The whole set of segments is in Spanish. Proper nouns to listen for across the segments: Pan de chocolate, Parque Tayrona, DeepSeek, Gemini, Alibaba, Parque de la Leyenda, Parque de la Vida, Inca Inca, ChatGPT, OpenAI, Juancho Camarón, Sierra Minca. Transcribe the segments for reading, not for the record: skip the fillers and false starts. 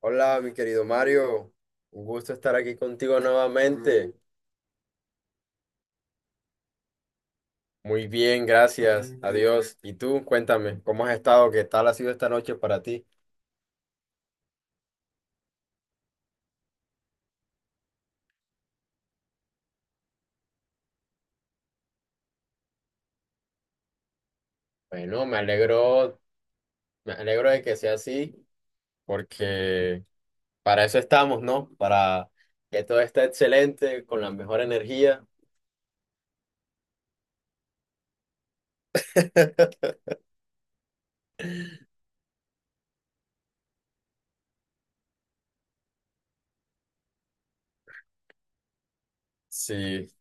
Hola, mi querido Mario. Un gusto estar aquí contigo nuevamente. Muy bien, gracias. Adiós. ¿Y tú? Cuéntame, ¿cómo has estado? ¿Qué tal ha sido esta noche para ti? Bueno, me alegro de que sea así, porque para eso estamos, ¿no? Para que todo esté excelente, con la mejor energía. Sí.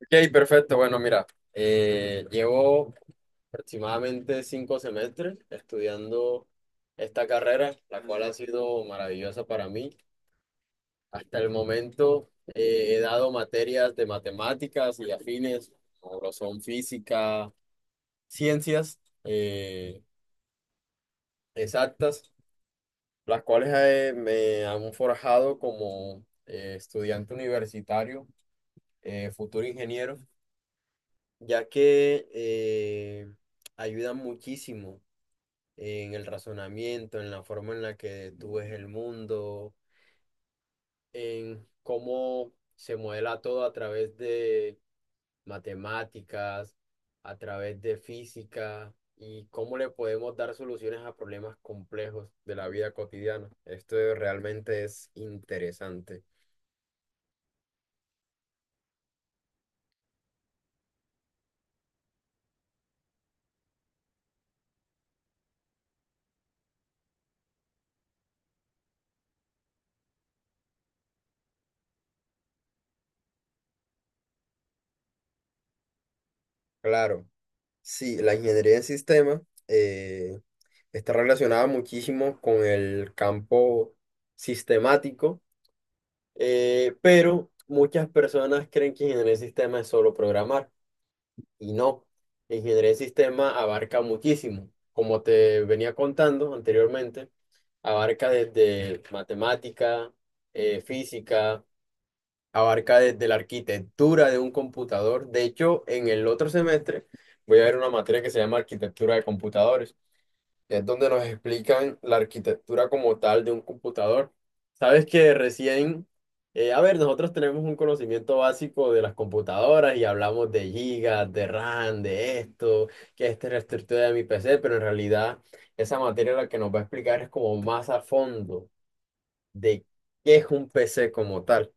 Ok, perfecto. Bueno, mira, llevo aproximadamente 5 semestres estudiando esta carrera, la cual ha sido maravillosa para mí. Hasta el momento he dado materias de matemáticas y afines, como lo son física, ciencias exactas, las cuales me han forjado como estudiante universitario, futuro ingeniero, ya que ayudan muchísimo en el razonamiento, en la forma en la que tú ves el mundo, en cómo se modela todo a través de matemáticas, a través de física y cómo le podemos dar soluciones a problemas complejos de la vida cotidiana. Esto realmente es interesante. Claro, sí, la ingeniería en sistemas eh, está relacionada muchísimo con el campo sistemático. Pero muchas personas creen que ingeniería de sistema es solo programar y no. Ingeniería de sistema abarca muchísimo. Como te venía contando anteriormente, abarca desde matemática, física, abarca desde la arquitectura de un computador. De hecho, en el otro semestre voy a ver una materia que se llama arquitectura de computadores, es donde nos explican la arquitectura como tal de un computador. Sabes que recién, a ver, nosotros tenemos un conocimiento básico de las computadoras y hablamos de gigas, de RAM, de esto, que esta es la estructura de mi PC, pero en realidad esa materia la que nos va a explicar es como más a fondo de qué es un PC como tal.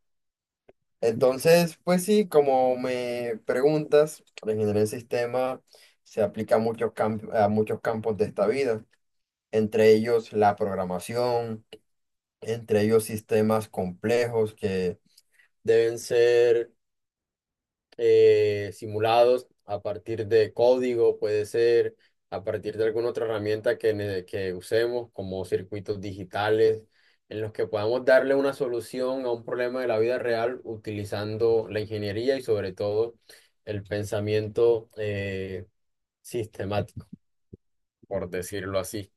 Entonces, pues sí, como me preguntas, la ingeniería del sistema se aplica a a muchos campos de esta vida, entre ellos la programación, entre ellos sistemas complejos que deben ser simulados a partir de código, puede ser a partir de alguna otra herramienta que usemos, como circuitos digitales, en los que podamos darle una solución a un problema de la vida real utilizando la ingeniería y sobre todo el pensamiento sistemático, por decirlo así.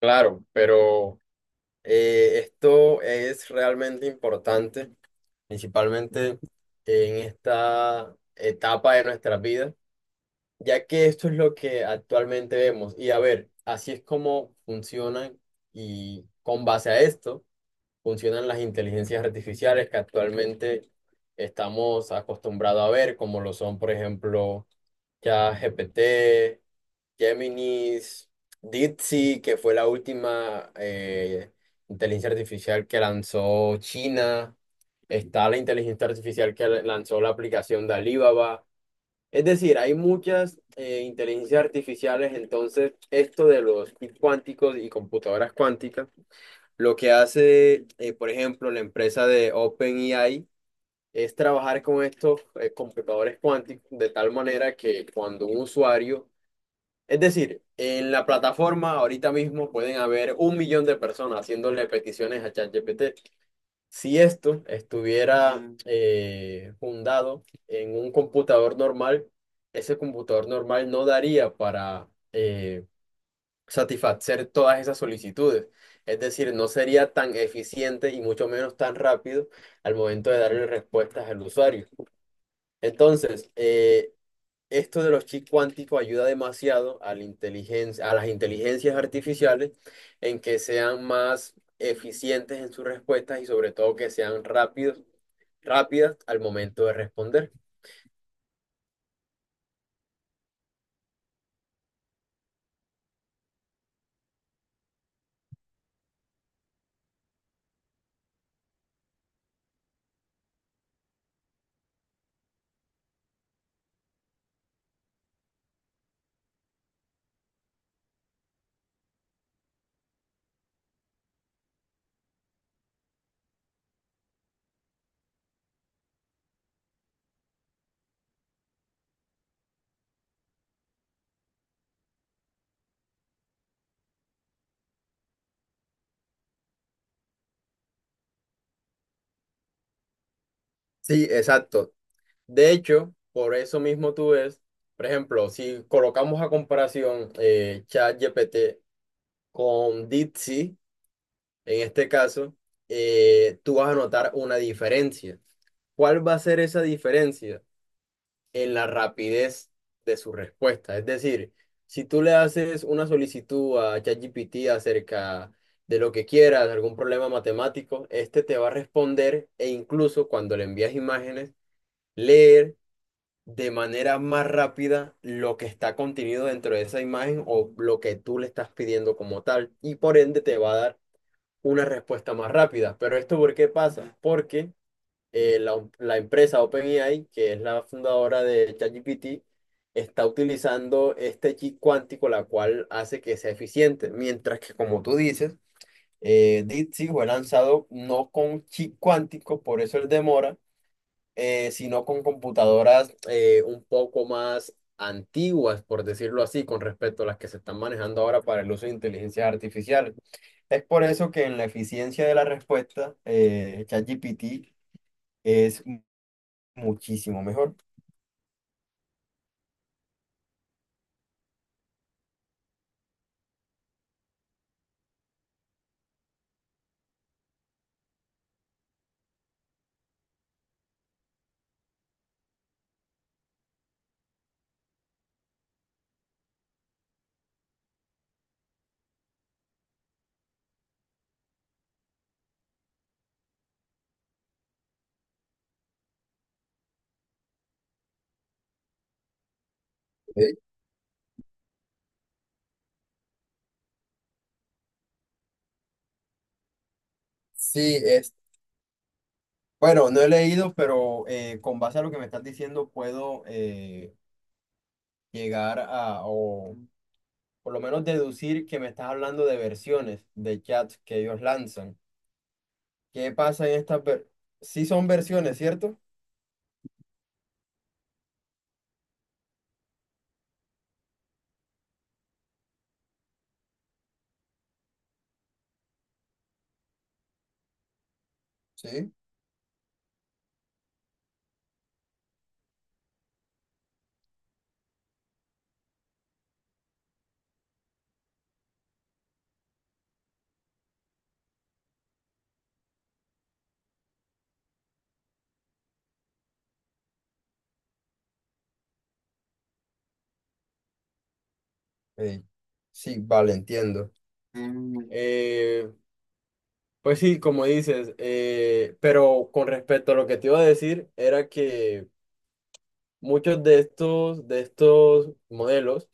Claro, pero... esto es realmente importante, principalmente en esta etapa de nuestras vidas, ya que esto es lo que actualmente vemos. Y a ver, así es como funcionan, y con base a esto funcionan las inteligencias artificiales que actualmente estamos acostumbrados a ver, como lo son, por ejemplo, ChatGPT, Géminis, DeepSeek, que fue la última inteligencia artificial que lanzó China. Está la inteligencia artificial que lanzó la aplicación de Alibaba. Es decir, hay muchas inteligencias artificiales. Entonces, esto de los kits cuánticos y computadoras cuánticas, lo que hace, por ejemplo, la empresa de OpenAI, es trabajar con estos computadores cuánticos de tal manera que cuando un usuario, es decir, en la plataforma ahorita mismo pueden haber 1 millón de personas haciéndole peticiones a ChatGPT. Si esto estuviera fundado en un computador normal, ese computador normal no daría para satisfacer todas esas solicitudes. Es decir, no sería tan eficiente y mucho menos tan rápido al momento de darle respuestas al usuario. Entonces, esto de los chips cuánticos ayuda demasiado a las inteligencias artificiales en que sean más eficientes en sus respuestas y sobre todo que sean rápidas al momento de responder. Sí, exacto. De hecho, por eso mismo tú ves, por ejemplo, si colocamos a comparación ChatGPT con DeepSeek, en este caso, tú vas a notar una diferencia. ¿Cuál va a ser esa diferencia? En la rapidez de su respuesta. Es decir, si tú le haces una solicitud a ChatGPT acerca de lo que quieras, de algún problema matemático, este te va a responder, e incluso cuando le envías imágenes, leer de manera más rápida lo que está contenido dentro de esa imagen o lo que tú le estás pidiendo como tal, y por ende te va a dar una respuesta más rápida. Pero esto, ¿por qué pasa? Porque la empresa OpenAI, que es la fundadora de ChatGPT, está utilizando este chip cuántico, la cual hace que sea eficiente. Mientras que, como tú dices, DeepSeek fue lanzado no con chip cuántico, por eso el demora, sino con computadoras un poco más antiguas, por decirlo así, con respecto a las que se están manejando ahora para el uso de inteligencia artificial. Es por eso que en la eficiencia de la respuesta, ChatGPT es muchísimo mejor. Eh, Sí, es, bueno, no he leído, pero con base a lo que me estás diciendo puedo llegar a, o por lo menos deducir que me estás hablando de versiones de chats que ellos lanzan. ¿Qué pasa en estas versiones? Sí son versiones, ¿cierto? Sí. Eh, sí, vale, entiendo. Mm, Eh, pues sí, como dices, pero con respecto a lo que te iba a decir, era que muchos de estos modelos,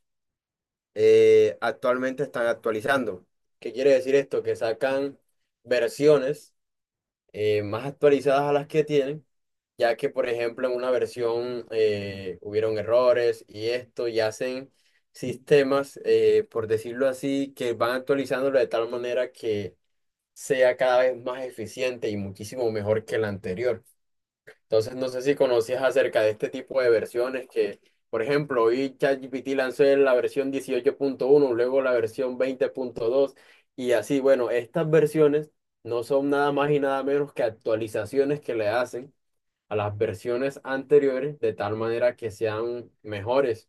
actualmente están actualizando. ¿Qué quiere decir esto? Que sacan versiones más actualizadas a las que tienen, ya que, por ejemplo, en una versión hubieron errores y esto, y hacen sistemas, por decirlo así, que van actualizándolo de tal manera que sea cada vez más eficiente y muchísimo mejor que el anterior. Entonces, no sé si conocías acerca de este tipo de versiones que, por ejemplo, hoy ChatGPT lanzó la versión 18.1, luego la versión 20.2, y así. Bueno, estas versiones no son nada más y nada menos que actualizaciones que le hacen a las versiones anteriores de tal manera que sean mejores.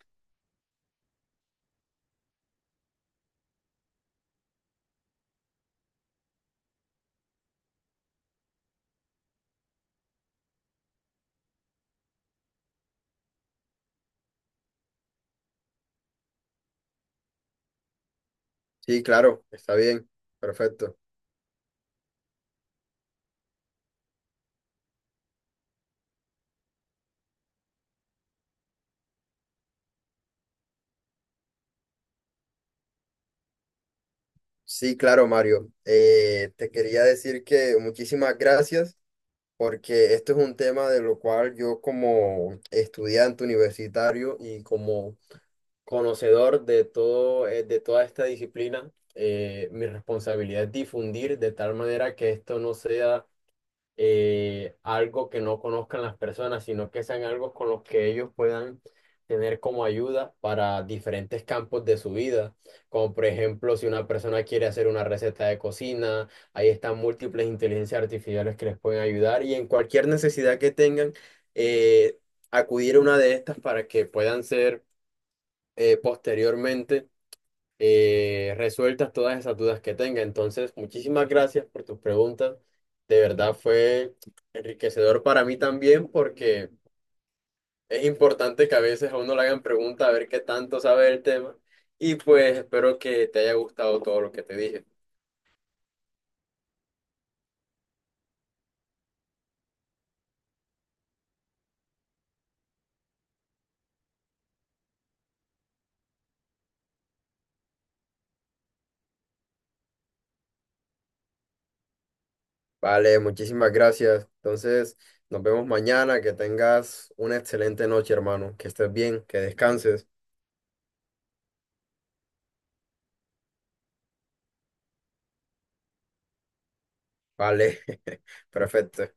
Sí, claro, está bien, perfecto. Sí, claro, Mario. Te quería decir que muchísimas gracias, porque esto es un tema de lo cual yo como estudiante universitario y como conocedor de todo, de toda esta disciplina, mi responsabilidad es difundir de tal manera que esto no sea algo que no conozcan las personas, sino que sean algo con los que ellos puedan tener como ayuda para diferentes campos de su vida, como por ejemplo si una persona quiere hacer una receta de cocina, ahí están múltiples inteligencias artificiales que les pueden ayudar y en cualquier necesidad que tengan, eh, acudir a una de estas para que puedan ser posteriormente resueltas todas esas dudas que tenga. Entonces, muchísimas gracias por tus preguntas. De verdad fue enriquecedor para mí también porque es importante que a veces a uno le hagan preguntas a ver qué tanto sabe del tema. Y pues espero que te haya gustado todo lo que te dije. Vale, muchísimas gracias. Entonces, nos vemos mañana. Que tengas una excelente noche, hermano. Que estés bien, que descanses. Vale, perfecto.